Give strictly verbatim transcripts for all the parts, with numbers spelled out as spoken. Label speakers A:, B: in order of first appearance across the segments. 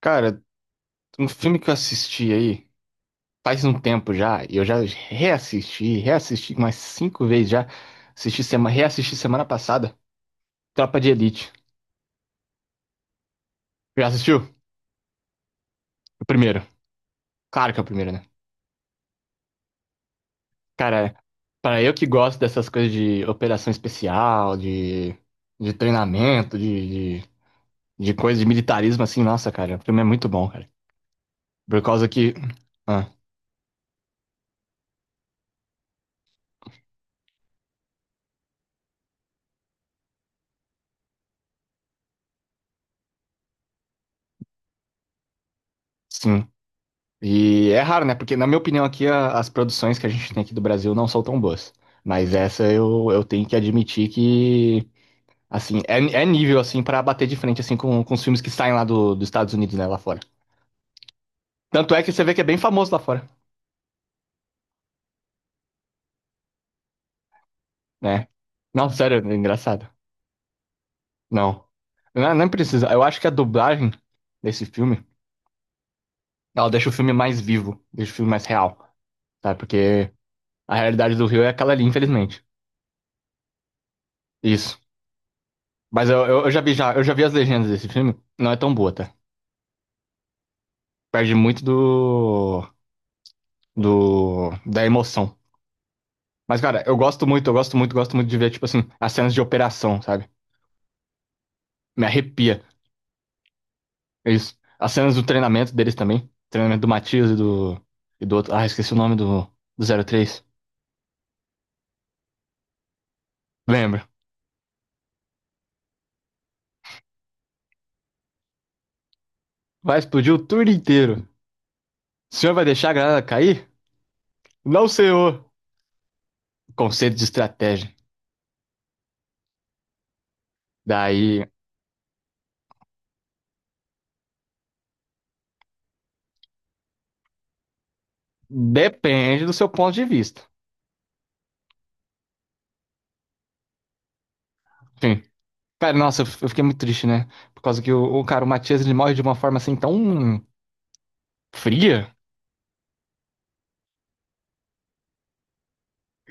A: Cara, um filme que eu assisti aí faz um tempo já, e eu já reassisti, reassisti umas cinco vezes já. Assisti sema, reassisti semana passada, Tropa de Elite. Já assistiu? O primeiro. Claro que é o primeiro, né? Cara, para eu que gosto dessas coisas de operação especial, de, de treinamento, de, de, de coisa de militarismo assim, nossa, cara, o filme é muito bom, cara. Por causa que. Ah, sim. E é raro, né? Porque, na minha opinião, aqui a- as produções que a gente tem aqui do Brasil não são tão boas. Mas essa eu, eu tenho que admitir que, assim, é, é nível, assim, pra bater de frente, assim, com, com os filmes que saem lá do, dos Estados Unidos, né? Lá fora. Tanto é que você vê que é bem famoso lá fora, né? Não, sério, é engraçado. Não. Não, não precisa. Eu acho que a dublagem desse filme, ela deixa o filme mais vivo, deixa o filme mais real, sabe? Porque a realidade do Rio é aquela ali, infelizmente. Isso. Mas eu, eu, eu já vi já, eu já vi as legendas desse filme. Não é tão boa, tá? Perde muito do, do, da emoção. Mas, cara, eu gosto muito, eu gosto muito, gosto muito de ver, tipo assim, as cenas de operação, sabe? Me arrepia. É isso. As cenas do treinamento deles também. Treinamento do Matias e do, e do outro. Ah, esqueci o nome do, do três. Lembra? Vai explodir o turno inteiro. O senhor vai deixar a granada cair? Não, senhor. Conceito de estratégia. Daí, depende do seu ponto de vista. Enfim, cara, nossa, eu f- eu fiquei muito triste, né? Por causa que o, o cara, o Matias, ele morre de uma forma assim tão fria.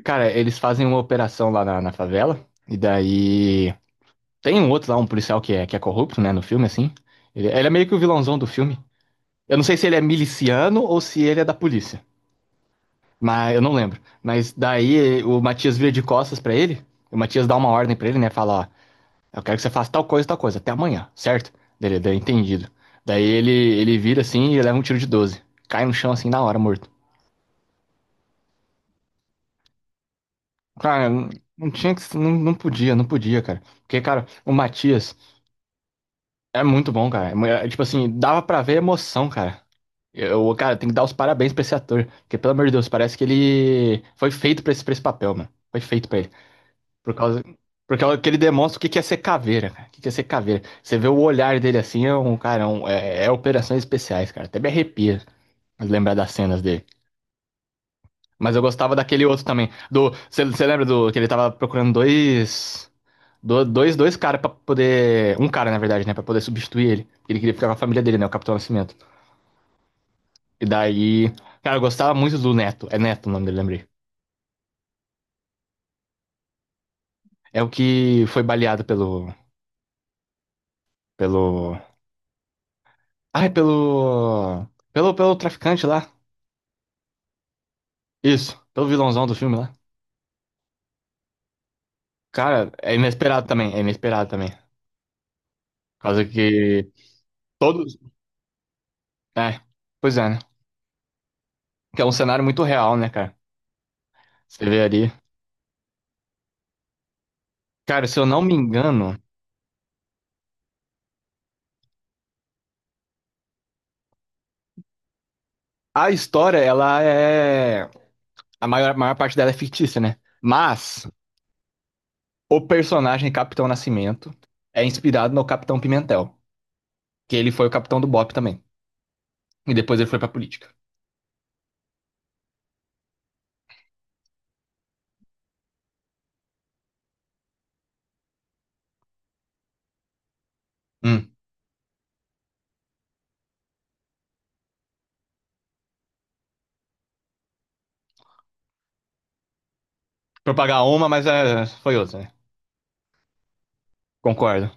A: Cara, eles fazem uma operação lá na, na favela. E daí. Tem um outro lá, um policial que é, que é corrupto, né? No filme, assim. Ele, ele é meio que o vilãozão do filme. Eu não sei se ele é miliciano ou se ele é da polícia. Mas eu não lembro. Mas daí eh, o Matias vira de costas pra ele. O Matias dá uma ordem pra ele, né? Fala, ó. Eu quero que você faça tal coisa, tal coisa, até amanhã, certo? Dele, daí entendido. Daí ele, ele vira assim e leva um tiro de doze, cai no chão assim na hora, morto. Cara, não não tinha que. Não, não podia, não podia, cara. Porque, cara, o Matias é muito bom, cara. É, mu- é, tipo assim, dava pra ver a emoção, cara. Eu, cara, tem que dar os parabéns pra esse ator. Porque, pelo amor de Deus, parece que ele foi feito pra esse, pra esse papel, mano. Foi feito pra ele. Por causa, por causa que ele demonstra o que que é ser caveira, cara. O que que é ser caveira. Você vê o olhar dele assim, é um cara, é, um- é- é operações especiais, cara. Até me arrepia lembrar das cenas dele. Mas eu gostava daquele outro também. Do, você, você lembra do que ele tava procurando dois, do- dois, dois caras pra poder, um cara na verdade, né, pra poder substituir ele. Ele queria ficar com a família dele, né, o Capitão Nascimento. E daí, cara, eu gostava muito do Neto. É Neto o nome dele, lembrei. É o que foi baleado pelo, pelo, ai, pelo, pelo, pelo traficante lá. Isso, pelo vilãozão do filme, lá, cara, é inesperado também, é inesperado também. Por causa que todos. É, pois é, né? Que é um cenário muito real, né, cara? Você vê ali. Cara, se eu não me engano, a história, ela é. A maior, a maior parte dela é fictícia, né? Mas o personagem Capitão Nascimento é inspirado no Capitão Pimentel, que ele foi o capitão do BOPE também. E depois ele foi pra política. Hum. Propagar uma, mas é, foi outra, né? Concordo.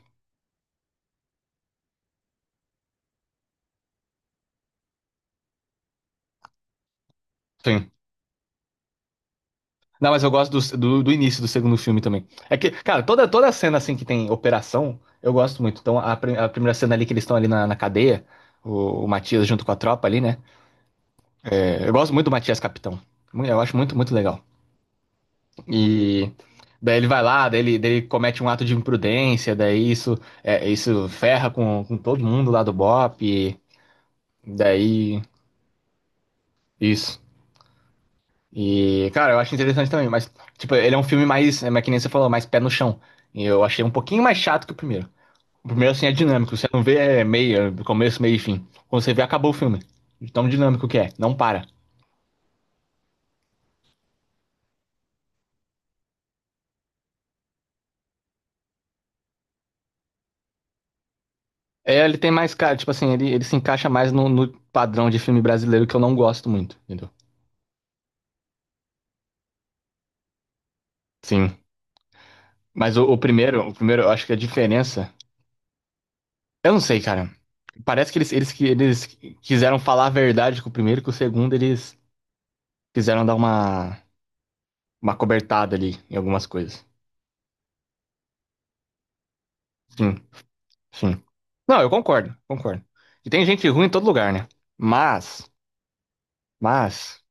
A: Não, mas eu gosto do, do, do início do segundo filme também. É que, cara, toda, toda cena assim que tem operação, eu gosto muito. Então, a, prim- a primeira cena ali que eles estão ali na, na cadeia, o, o Matias junto com a tropa ali, né? É, eu gosto muito do Matias Capitão. Mu- Eu acho muito, muito legal. E daí ele vai lá, daí ele, daí ele comete um ato de imprudência, daí isso, é, isso ferra com, com todo mundo lá do BOP, e daí isso. E, cara, eu acho interessante também, mas, tipo, ele é um filme mais, é, mas que nem você falou, mais pé no chão. E eu achei um pouquinho mais chato que o primeiro. O primeiro, assim, é dinâmico, você não vê é, meio, é, começo, meio e fim. Quando você vê, acabou o filme. De tão dinâmico que é, não para. É, ele tem mais, cara, tipo assim, ele, ele se encaixa mais no, no padrão de filme brasileiro que eu não gosto muito, entendeu? Sim. Mas o, o primeiro, o primeiro, eu acho que a diferença. Eu não sei, cara. Parece que eles, eles, que eles quiseram falar a verdade com o primeiro, que o segundo eles quiseram dar uma uma cobertada ali em algumas coisas. Sim, sim. Não, eu concordo, concordo. E tem gente ruim em todo lugar, né? Mas, mas,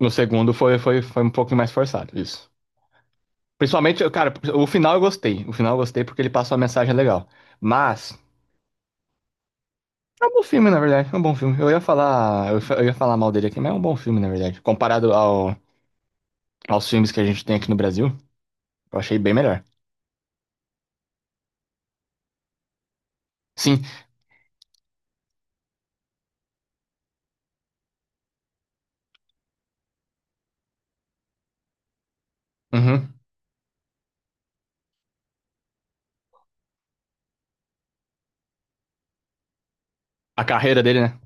A: no segundo foi, foi, foi um pouco mais forçado, isso. Principalmente, eu- cara, o final eu gostei. O final eu gostei porque ele passou uma mensagem legal. Mas, é um bom filme, na verdade. É um bom filme. Eu ia falar, eu, fa- eu ia falar mal dele aqui, mas é um bom filme, na verdade. Comparado ao, aos filmes que a gente tem aqui no Brasil, eu achei bem melhor. Sim, uhum. A carreira dele, né?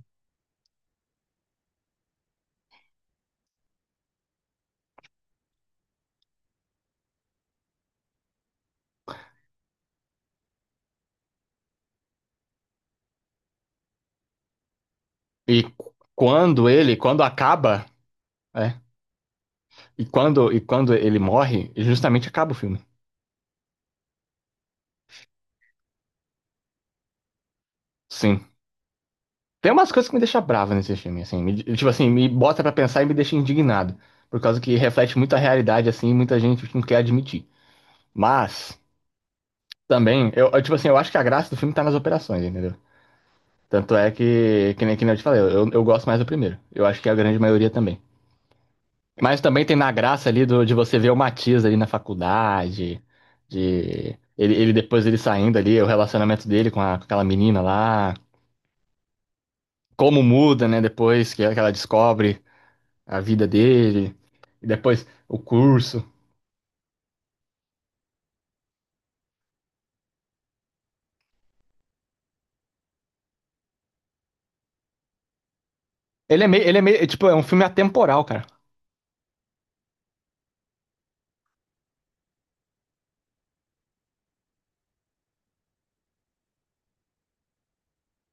A: E quando ele, quando acaba. É. E quando, e quando ele morre, justamente acaba o filme. Sim. Tem umas coisas que me deixam bravo nesse filme, assim. Me- tipo assim, me bota pra pensar e me deixa indignado. Por causa que reflete muito a realidade, assim, e muita gente não quer admitir. Mas, também, eu, eu, tipo assim, eu acho que a graça do filme tá nas operações, entendeu? Tanto é que, que nem, que nem eu te falei, eu, eu gosto mais do primeiro. Eu acho que é a grande maioria também. Mas também tem na graça ali do, de você ver o Matias ali na faculdade, de... Ele, ele depois ele saindo ali, o relacionamento dele com, a- com aquela menina lá. Como muda, né? Depois que ela descobre a vida dele, e depois o curso. Ele é meio, ele é meio, é, tipo, é um filme atemporal, cara.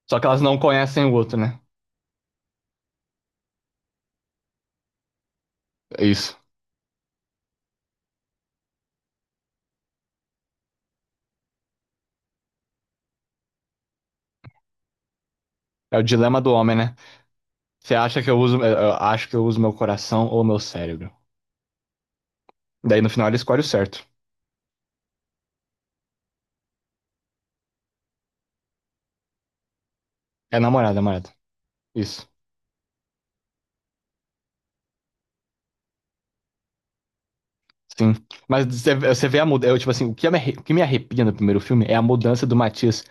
A: Só que elas não conhecem o outro, né? É isso. É o dilema do homem, né? Você acha que eu uso, eu acho que eu uso meu coração ou meu cérebro? Daí no final ele escolhe o certo. É namorada, namorada. Isso. Sim. Mas você- você vê a mudança. Tipo assim, o que, me arre- o que me arrepia no primeiro filme é a mudança do Matias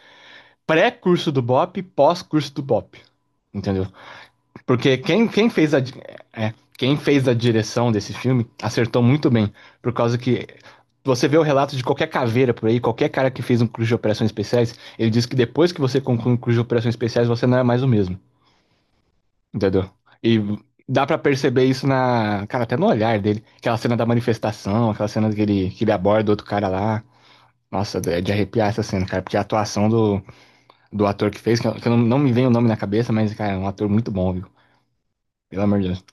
A: pré-curso do Bop, pós-curso do Bop. Entendeu? Porque quem, quem fez a, di- é, quem fez a direção desse filme acertou muito bem. Por causa que você vê o relato de qualquer caveira por aí, qualquer cara que fez um curso de operações especiais, ele diz que depois que você conclui um curso de operações especiais, você não é mais o mesmo. Entendeu? E dá pra perceber isso na. Cara, até no olhar dele. Aquela cena da manifestação, aquela cena que ele, que ele aborda outro cara lá. Nossa, é de arrepiar essa cena, cara, porque a atuação do, do ator que fez, que eu, que eu não, não me vem o nome na cabeça, mas, cara, é um ator muito bom, viu? Pelo amor de Deus.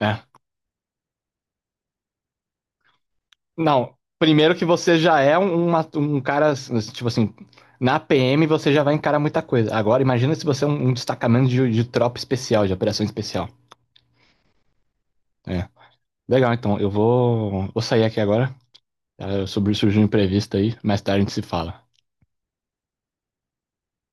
A: É, não, primeiro que você já é um, uma- um cara, tipo assim, na P M você já vai encarar muita coisa. Agora, imagina se você é um, um destacamento de, de tropa especial, de operação especial. É. Legal, então, eu vou, vou sair aqui agora. Ah, sobre, surgiu um imprevisto aí, mais tarde a gente se fala.